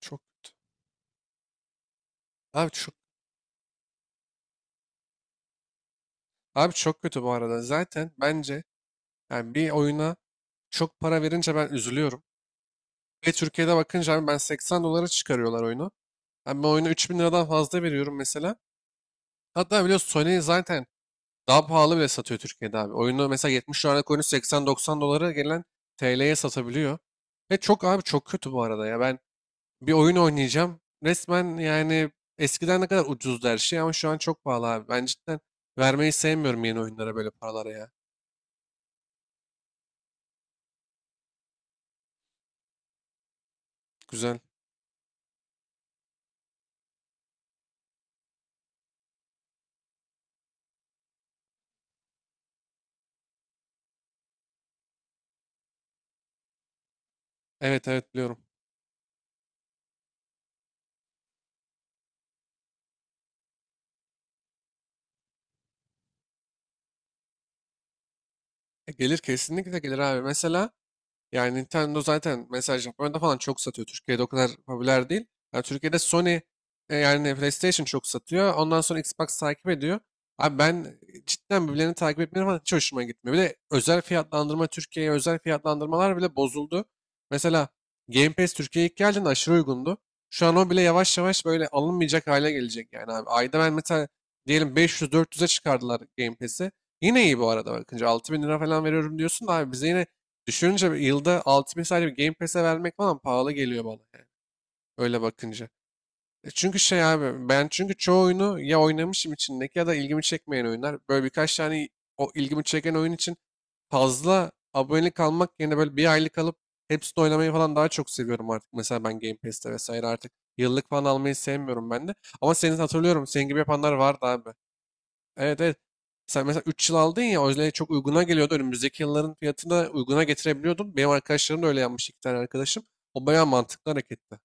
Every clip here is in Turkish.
Çok kötü. Abi çok abi çok kötü bu arada. Zaten bence yani bir oyuna çok para verince ben üzülüyorum. Ve Türkiye'de bakınca abi, ben 80 dolara çıkarıyorlar oyunu. Ben bu oyunu 3.000 liradan fazla veriyorum mesela. Hatta biliyorsun, Sony zaten daha pahalı bile satıyor Türkiye'de abi. Oyunu mesela, 70 dolarlık oyunu 80-90 dolara gelen TL'ye satabiliyor. Ve çok abi, çok kötü bu arada ya. Ben bir oyun oynayacağım resmen, yani eskiden ne kadar ucuzdu her şey ama şu an çok pahalı abi. Ben cidden vermeyi sevmiyorum yeni oyunlara böyle paralara ya. Güzel. Evet evet, biliyorum. Gelir kesinlikle, gelir abi. Mesela yani Nintendo zaten mesela Japonya'da falan çok satıyor. Türkiye'de o kadar popüler değil. Yani Türkiye'de Sony, yani PlayStation çok satıyor. Ondan sonra Xbox takip ediyor. Abi ben cidden birbirlerini takip etmeleri falan hiç hoşuma gitmiyor. Bir de özel fiyatlandırma, Türkiye'ye özel fiyatlandırmalar bile bozuldu. Mesela Game Pass Türkiye'ye ilk geldiğinde aşırı uygundu. Şu an o bile yavaş yavaş böyle alınmayacak hale gelecek yani abi. Ayda ben mesela diyelim 500-400'e çıkardılar Game Pass'i. Yine iyi bu arada, bakınca 6.000 lira falan veriyorum diyorsun da abi, bize yine düşününce yılda 6.000 sadece bir Game Pass'e vermek falan pahalı geliyor bana yani. Öyle bakınca. Çünkü şey abi, ben çünkü çoğu oyunu ya oynamışım içindeki ya da ilgimi çekmeyen oyunlar. Böyle birkaç tane o ilgimi çeken oyun için fazla abonelik almak yerine böyle bir aylık alıp hepsini oynamayı falan daha çok seviyorum artık. Mesela ben Game Pass'te vesaire artık yıllık falan almayı sevmiyorum ben de. Ama senin hatırlıyorum, senin gibi yapanlar vardı abi. Evet evet. Sen mesela 3 yıl aldın ya, o yüzden çok uyguna geliyordu. Önümüzdeki yılların fiyatını uyguna getirebiliyordun. Benim arkadaşlarım da öyle yapmış, iki tane arkadaşım. O bayağı mantıklı hareketti.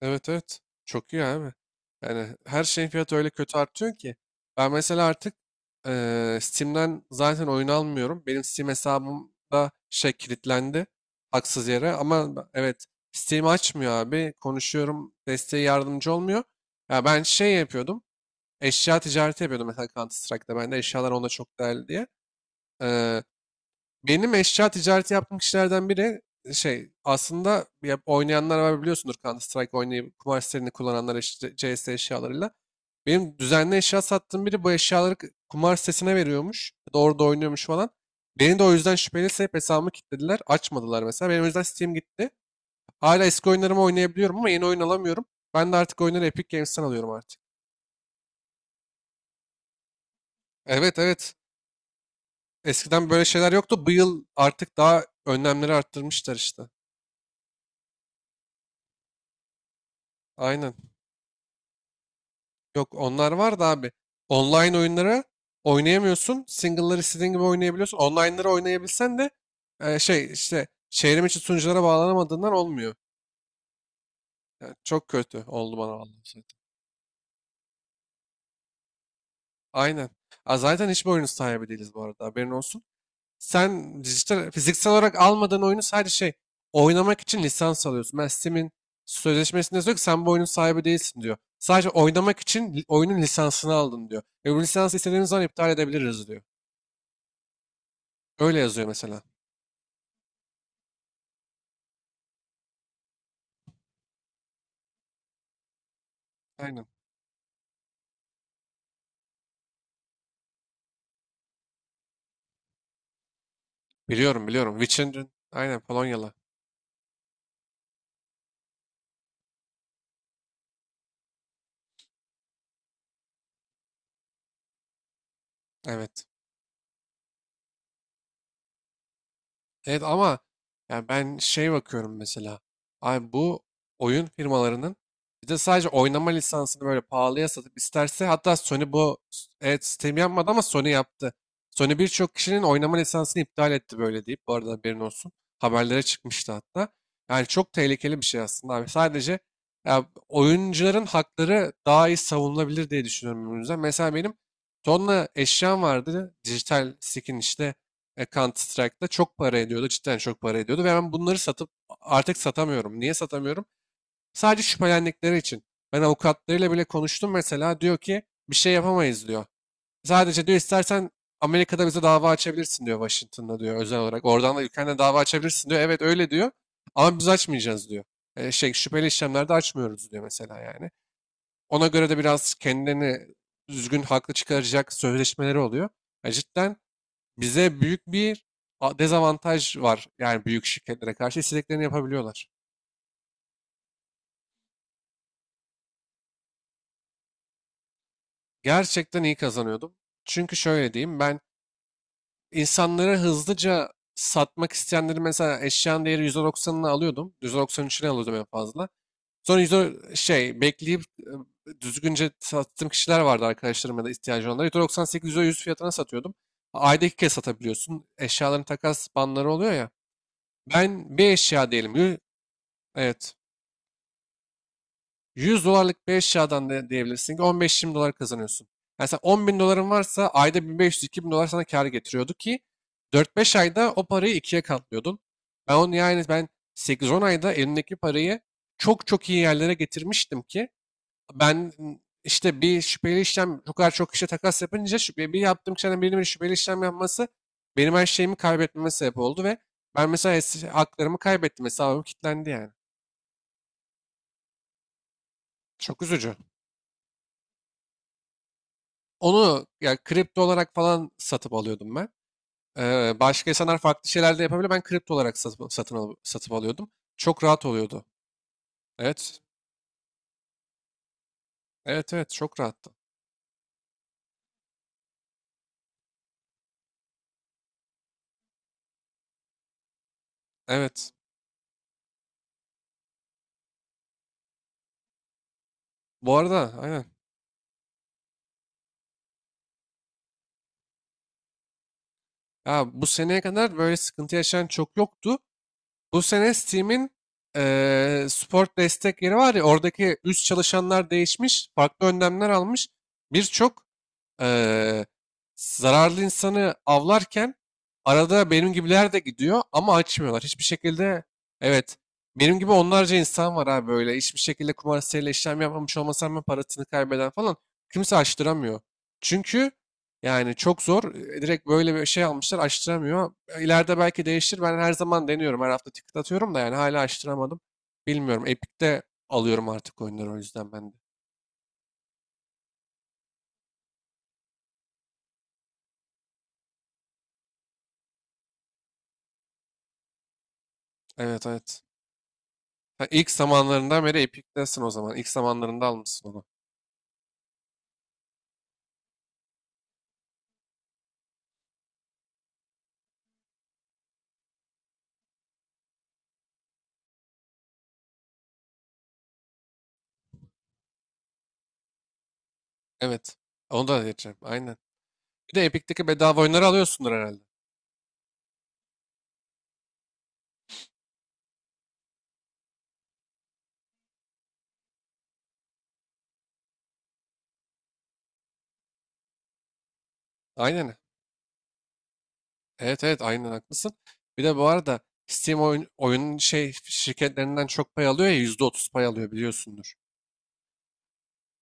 Evet evet. Çok iyi abi. Yani her şeyin fiyatı öyle kötü artıyor ki. Ben mesela artık Steam'den zaten oyun almıyorum. Benim Steam hesabım da şey, kilitlendi. Haksız yere ama evet, Steam açmıyor abi. Konuşuyorum, desteği yardımcı olmuyor. Ya ben şey yapıyordum. Eşya ticareti yapıyordum mesela, Counter Strike'da ben de eşyalar onda çok değerli diye. Ee, benim eşya ticareti yaptığım kişilerden biri, şey aslında ya, oynayanlar var biliyorsundur Counter Strike oynayıp kumar sitelerini kullananlar CS eşyalarıyla. Benim düzenli eşya sattığım biri, bu eşyaları kumar sitesine veriyormuş. Doğru da oynuyormuş falan. Beni de o yüzden şüpheli sayıp hesabımı kilitlediler. Açmadılar mesela. Benim o yüzden Steam gitti. Hala eski oyunlarımı oynayabiliyorum ama yeni oyun alamıyorum. Ben de artık oyunları Epic Games'ten alıyorum artık. Evet evet. Eskiden böyle şeyler yoktu. Bu yıl artık daha önlemleri arttırmışlar işte. Aynen. Yok onlar var da abi. Online oyunları oynayamıyorsun. Single'ları istediğin gibi oynayabiliyorsun. Online'ları oynayabilsen de şey işte, çevrim içi sunuculara bağlanamadığından olmuyor. Yani çok kötü oldu bana vallahi zaten. Aynen. Aa, zaten hiçbir oyunun sahibi değiliz bu arada. Haberin olsun. Sen dijital, fiziksel olarak almadığın oyunu sadece şey, oynamak için lisans alıyorsun. Ben Steam'in sözleşmesinde yazıyor ki sen bu oyunun sahibi değilsin diyor. Sadece oynamak için oyunun lisansını aldın diyor. Ve bu lisansı istediğimiz zaman iptal edebiliriz diyor. Öyle yazıyor mesela. Aynen. Biliyorum biliyorum, Witcher'ın aynen, Polonyalı. Evet. Evet ama yani ben şey bakıyorum mesela. Abi bu oyun firmalarının bir de sadece oynama lisansını böyle pahalıya satıp isterse, hatta Sony bu, evet Steam yapmadı ama Sony yaptı. Sony birçok kişinin oynama lisansını iptal etti böyle deyip, bu arada haberin olsun. Haberlere çıkmıştı hatta. Yani çok tehlikeli bir şey aslında abi. Sadece ya, oyuncuların hakları daha iyi savunulabilir diye düşünüyorum bu yüzden. Mesela benim tonla eşyam vardı. Dijital skin işte, Counter Strike'da çok para ediyordu. Cidden çok para ediyordu. Ve ben bunları satıp artık satamıyorum. Niye satamıyorum? Sadece şüphelendikleri için. Ben avukatlarıyla bile konuştum mesela. Diyor ki bir şey yapamayız diyor. Sadece diyor, istersen Amerika'da bize dava açabilirsin diyor, Washington'da diyor özel olarak. Oradan da ülkenden dava açabilirsin diyor. Evet, öyle diyor. Ama biz açmayacağız diyor. Şey, şüpheli işlemlerde açmıyoruz diyor mesela yani. Ona göre de biraz kendilerini düzgün haklı çıkaracak sözleşmeleri oluyor. Ya cidden bize büyük bir dezavantaj var. Yani büyük şirketlere karşı istediklerini yapabiliyorlar. Gerçekten iyi kazanıyordum. Çünkü şöyle diyeyim, ben insanlara hızlıca satmak isteyenleri mesela eşyanın değeri %90'ını alıyordum. %93'üne alıyordum en fazla. Sonra %10 şey bekleyip düzgünce sattığım kişiler vardı, arkadaşlarım ya da ihtiyacı olanlar. %98, %100 fiyatına satıyordum. Ayda iki kez satabiliyorsun. Eşyaların takas banları oluyor ya. Ben bir eşya diyelim Evet. 100 dolarlık bir eşyadan da diyebilirsin ki 15-20 dolar kazanıyorsun. Yani sen 10 bin doların varsa ayda 1500-2000 dolar sana kar getiriyordu ki 4-5 ayda o parayı ikiye katlıyordun. Ben onu yani ben 8-10 ayda elimdeki parayı çok çok iyi yerlere getirmiştim ki ben işte, bir şüpheli işlem, bu kadar çok kişiye takas yapınca şüphe, bir yaptığım kişiden birinin bir şüpheli işlem yapması benim her şeyimi kaybetmeme sebep oldu ve ben mesela haklarımı kaybettim, hesabım kilitlendi yani. Çok üzücü. Onu ya kripto olarak falan satıp alıyordum ben. Başka insanlar farklı şeyler de yapabiliyor. Ben kripto olarak satıp, satıp alıyordum. Çok rahat oluyordu. Evet. Evet evet, çok rahattı. Evet. Bu arada aynen. Ya bu seneye kadar böyle sıkıntı yaşayan çok yoktu. Bu sene Steam'in sport destek yeri var ya, oradaki üst çalışanlar değişmiş. Farklı önlemler almış. Birçok eee, zararlı insanı avlarken arada benim gibiler de gidiyor ama açmıyorlar. Hiçbir şekilde. Evet, benim gibi onlarca insan var abi, böyle hiçbir şekilde kumar siteyle işlem yapmamış olmasam ben, parasını kaybeden falan, kimse açtıramıyor. Çünkü yani çok zor. Direkt böyle bir şey almışlar, açtıramıyor. İleride belki değişir. Ben her zaman deniyorum. Her hafta ticket atıyorum da yani hala açtıramadım. Bilmiyorum. Epic'te alıyorum artık oyunları o yüzden ben de. Evet evet. Ha, ilk zamanlarından beri Epic'tesin o zaman. İlk zamanlarında almışsın onu. Evet. Onu da diyeceğim. Aynen. Bir de Epic'teki bedava oyunları alıyorsundur herhalde. Aynen. Evet evet, aynen haklısın. Bir de bu arada Steam oyun, oyunun şey şirketlerinden çok pay alıyor ya, %30 pay alıyor biliyorsundur.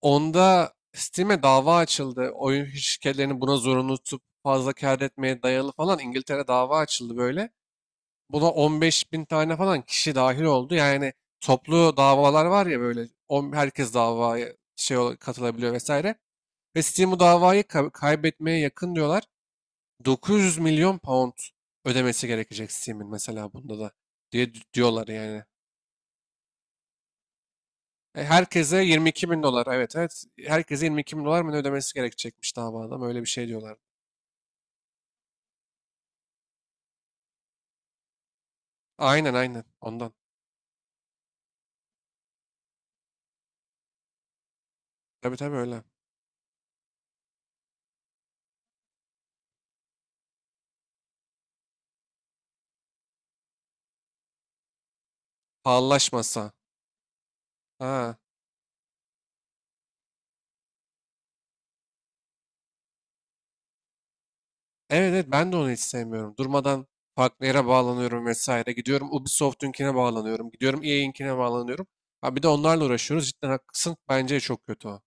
Onda Steam'e dava açıldı. Oyun şirketlerini buna zorunlu tutup fazla kâr etmeye dayalı falan, İngiltere dava açıldı böyle. Buna 15 bin tane falan kişi dahil oldu. Yani toplu davalar var ya, böyle herkes davaya şey katılabiliyor vesaire. Ve Steam bu davayı kaybetmeye yakın diyorlar. 900 milyon pound ödemesi gerekecek Steam'in mesela bunda da diye diyorlar yani. Herkese 22 bin dolar, evet evet herkese 22 bin dolar mı ne ödemesi gerekecekmiş davada, öyle bir şey diyorlar. Aynen aynen, ondan. Tabii tabii, öyle. Pahalılaşmasa. Ha. Evet evet, ben de onu hiç sevmiyorum. Durmadan farklı yere bağlanıyorum vesaire. Gidiyorum Ubisoft'unkine bağlanıyorum. Gidiyorum EA'inkine bağlanıyorum. Ha bir de onlarla uğraşıyoruz. Cidden haklısın. Bence çok kötü o.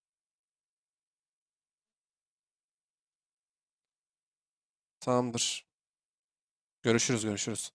Tamamdır. Görüşürüz görüşürüz.